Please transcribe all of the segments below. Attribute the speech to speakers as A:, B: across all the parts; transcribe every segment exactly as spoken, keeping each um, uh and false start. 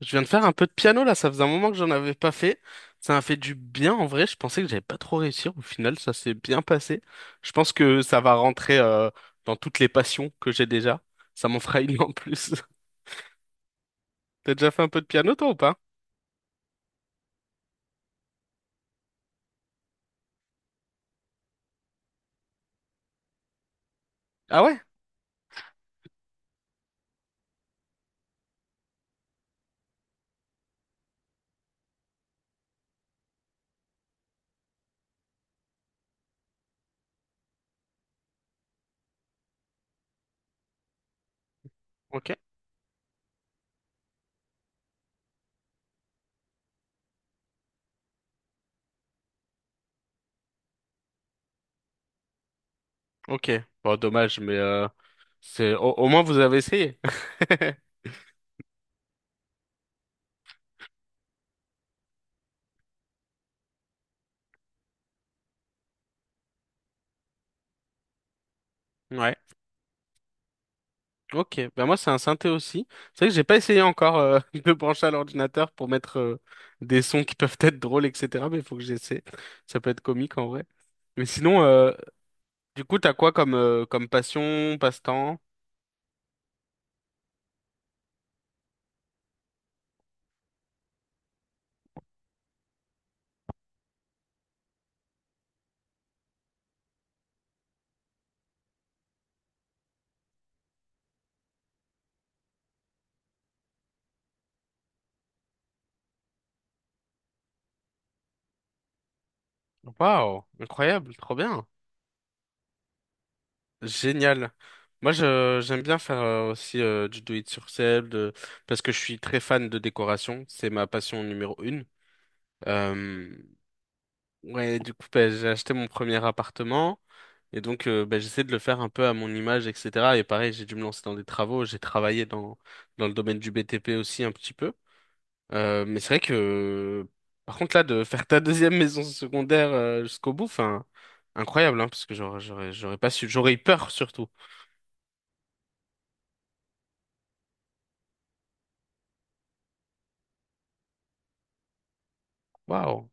A: Je viens de faire un peu de piano là, ça faisait un moment que j'en avais pas fait. Ça m'a fait du bien en vrai, je pensais que j'allais pas trop réussir. Au final, ça s'est bien passé. Je pense que ça va rentrer euh, dans toutes les passions que j'ai déjà. Ça m'en fera une en plus. T'as déjà fait un peu de piano toi ou pas? Ah ouais? Ok. Ok. Bon, dommage, mais euh, c'est au, au moins vous avez essayé. Ouais. Ok, ben moi c'est un synthé aussi. C'est vrai que j'ai pas essayé encore euh, de me brancher à l'ordinateur pour mettre euh, des sons qui peuvent être drôles, et cetera. Mais il faut que j'essaie. Ça peut être comique en vrai. Mais sinon, euh, du coup, t'as quoi comme euh, comme passion, passe-temps? Waouh, incroyable, trop bien. Génial. Moi, je, j'aime bien faire euh, aussi euh, du do it yourself de- parce que je suis très fan de décoration. C'est ma passion numéro une. Euh, ouais, du coup, bah, j'ai acheté mon premier appartement et donc euh, bah, j'essaie de le faire un peu à mon image, et cetera. Et pareil, j'ai dû me lancer dans des travaux. J'ai travaillé dans, dans le domaine du B T P aussi un petit peu. Euh, mais c'est vrai que, par contre, là, de faire ta deuxième maison secondaire euh, jusqu'au bout, enfin, incroyable, hein, parce que j'aurais, j'aurais, j'aurais pas su, j'aurais eu peur surtout. Waouh.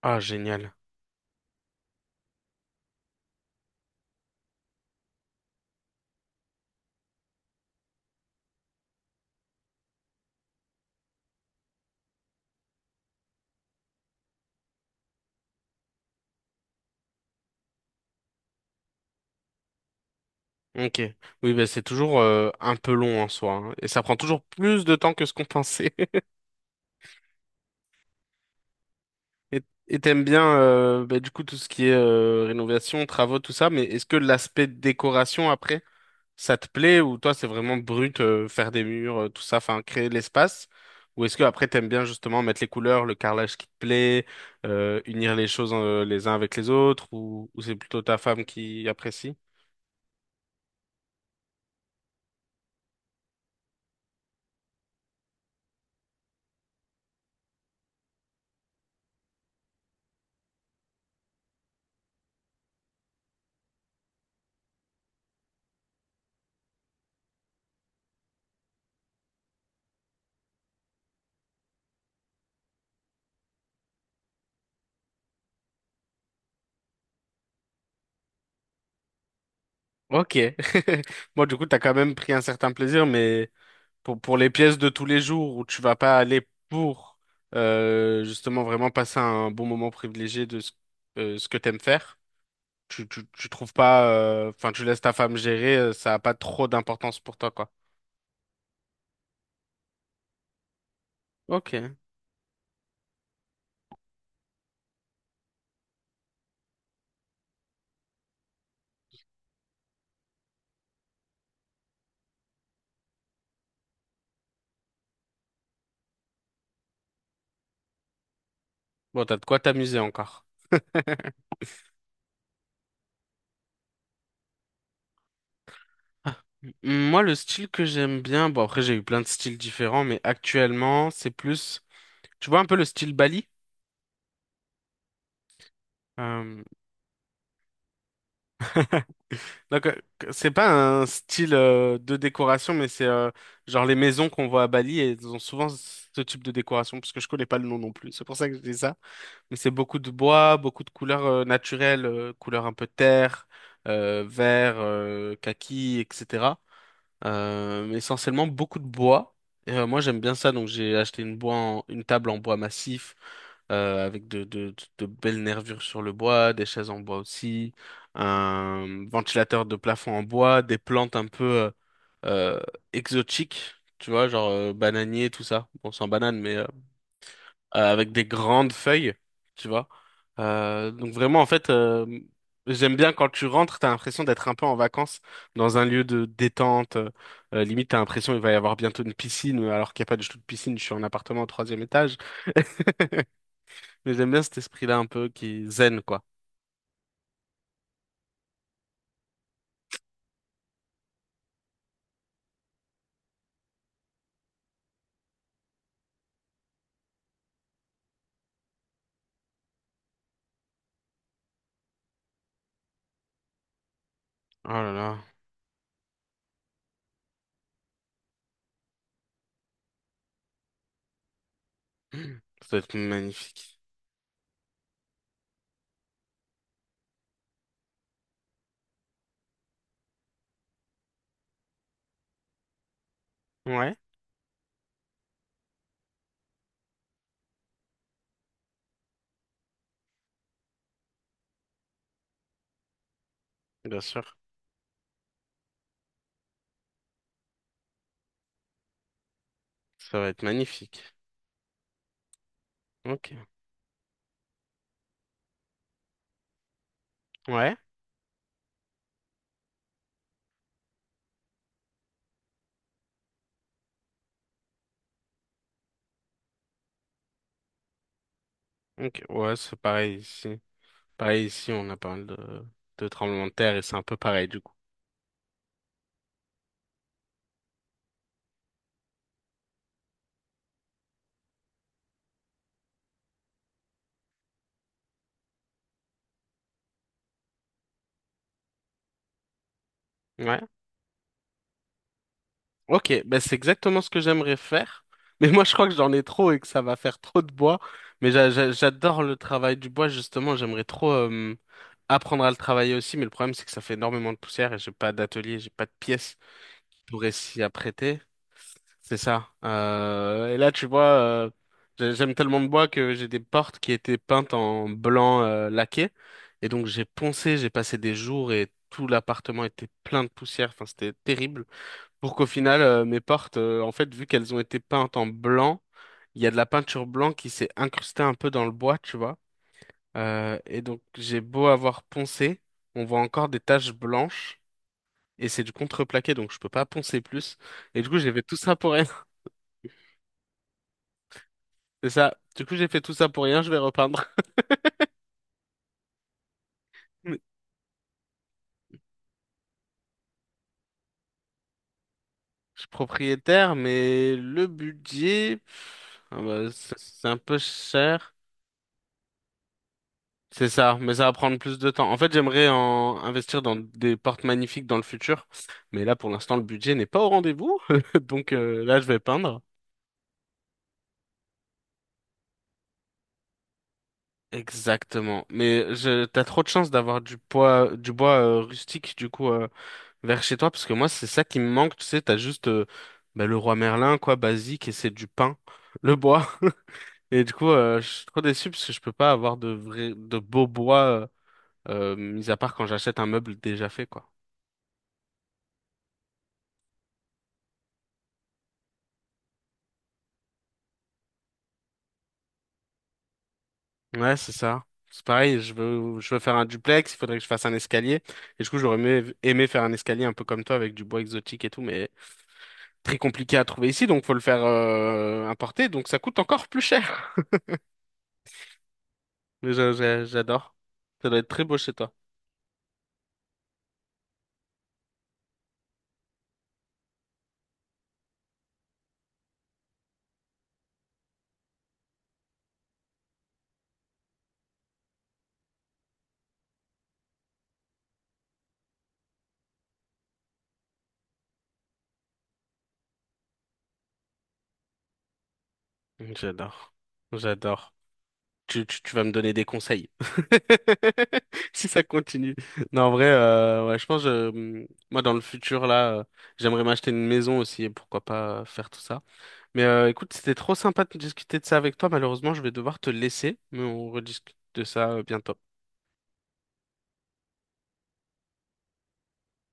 A: Ah, génial. Ok. Oui, bah, c'est toujours euh, un peu long en soi, hein, et ça prend toujours plus de temps que ce qu'on pensait. Et et t'aimes bien, euh, bah, du coup, tout ce qui est euh, rénovation, travaux, tout ça, mais est-ce que l'aspect décoration après ça te plaît ou toi c'est vraiment brut, euh, faire des murs, euh, tout ça, enfin créer de l'espace? Ou est-ce que après t'aimes bien justement mettre les couleurs, le carrelage qui te plaît, euh, unir les choses euh, les uns avec les autres ou, ou c'est plutôt ta femme qui apprécie? Ok. Bon, du coup, t'as quand même pris un certain plaisir, mais pour, pour les pièces de tous les jours où tu vas pas aller pour euh, justement vraiment passer un bon moment privilégié de ce, euh, ce que t'aimes faire, tu, tu, tu trouves pas, euh, enfin, tu laisses ta femme gérer, euh, ça a pas trop d'importance pour toi, quoi. Ok. Bon, t'as de quoi t'amuser encore. Ah. M- Moi, le style que j'aime bien, bon, après, j'ai eu plein de styles différents, mais actuellement, c'est plus, tu vois un peu le style Bali? Euh, donc, euh, que- c'est pas un style euh, de décoration, mais c'est euh, genre les maisons qu'on voit à Bali, et elles ont souvent ce type de décoration, parce que je connais pas le nom non plus. C'est pour ça que je dis ça. Et c'est beaucoup de bois, beaucoup de couleurs euh, naturelles, euh, couleurs un peu terre, euh, vert, euh, kaki, et cetera. Euh, mais essentiellement beaucoup de bois. Et, euh, moi j'aime bien ça, donc j'ai acheté une bois en- une table en bois massif euh, avec de, de, de- de belles nervures sur le bois, des chaises en bois aussi, un ventilateur de plafond en bois, des plantes un peu euh, euh, exotiques, tu vois, genre euh, bananier, tout ça. Bon, sans banane, mais euh, euh, avec des grandes feuilles, tu vois. Euh, donc vraiment, en fait, euh, j'aime bien quand tu rentres, t'as l'impression d'être un peu en vacances dans un lieu de détente. Euh, euh, limite, t'as l'impression il va y avoir bientôt une piscine, alors qu'il n'y a pas du tout de piscine, je suis en appartement au troisième étage. Mais j'aime bien cet esprit-là un peu qui est zen, quoi. Oh là là, ça va être magnifique. Ouais, bien sûr, ça va être magnifique. Ok, ouais, ok, ouais, c'est pareil ici. Pareil ici, on a pas mal de, de tremblements de terre et c'est un peu pareil du coup. Ouais. Ok, ben c'est exactement ce que j'aimerais faire. Mais moi, je crois que j'en ai trop et que ça va faire trop de bois. Mais j'a- j'a- j'adore le travail du bois, justement. J'aimerais trop euh, apprendre à le travailler aussi. Mais le problème, c'est que ça fait énormément de poussière et j'ai pas d'atelier, j'ai pas de pièces pour s'y apprêter. C'est ça. Euh, et là, tu vois, euh, j'ai- j'aime tellement le bois que j'ai des portes qui étaient peintes en blanc euh, laqué. Et donc, j'ai poncé, j'ai passé des jours et tout l'appartement était plein de poussière. Enfin, c'était terrible. Pour qu'au final, euh, mes portes, euh, en fait, vu qu'elles ont été peintes en blanc, il y a de la peinture blanc qui s'est incrustée un peu dans le bois, tu vois. Euh, et donc, j'ai beau avoir poncé, on voit encore des taches blanches. Et c'est du contreplaqué, donc je peux pas poncer plus. Et du coup, j'ai fait tout ça pour rien. C'est ça. Du coup, j'ai fait tout ça pour rien, je vais repeindre. Mais je suis propriétaire, mais le budget, pff, ah bah, c'est c'est un peu cher. C'est ça, mais ça va prendre plus de temps. En fait, j'aimerais en investir dans des portes magnifiques dans le futur, mais là, pour l'instant, le budget n'est pas au rendez-vous. Donc euh, là, je vais peindre. Exactement. Mais je, t'as trop de chance d'avoir du poids, du bois euh, rustique, du coup, euh, vers chez toi, parce que moi, c'est ça qui me manque. Tu sais, t'as juste euh, bah, le roi Merlin, quoi, basique, et c'est du pain, le bois. Et du coup, euh, je suis trop déçu parce que je peux pas avoir de vrai, de beau bois, euh, euh, mis à part quand j'achète un meuble déjà fait, quoi. Ouais, c'est ça. C'est pareil, je veux, je veux faire un duplex, il faudrait que je fasse un escalier. Et du coup, j'aurais aimé, aimé faire un escalier un peu comme toi avec du bois exotique et tout, mais très compliqué à trouver ici, donc faut le faire, euh, importer, donc ça coûte encore plus cher. Mais j'a- j'a- j'adore. Ça doit être très beau chez toi. J'adore. J'adore. Tu, tu, tu vas me donner des conseils. Si ça continue. Non, en vrai, euh, ouais, je pense, euh, hum, moi, dans le futur, là, euh, j'aimerais m'acheter une maison aussi et pourquoi pas euh, faire tout ça. Mais euh, écoute, c'était trop sympa de discuter de ça avec toi. Malheureusement, je vais devoir te laisser, mais on rediscute de ça euh, bientôt.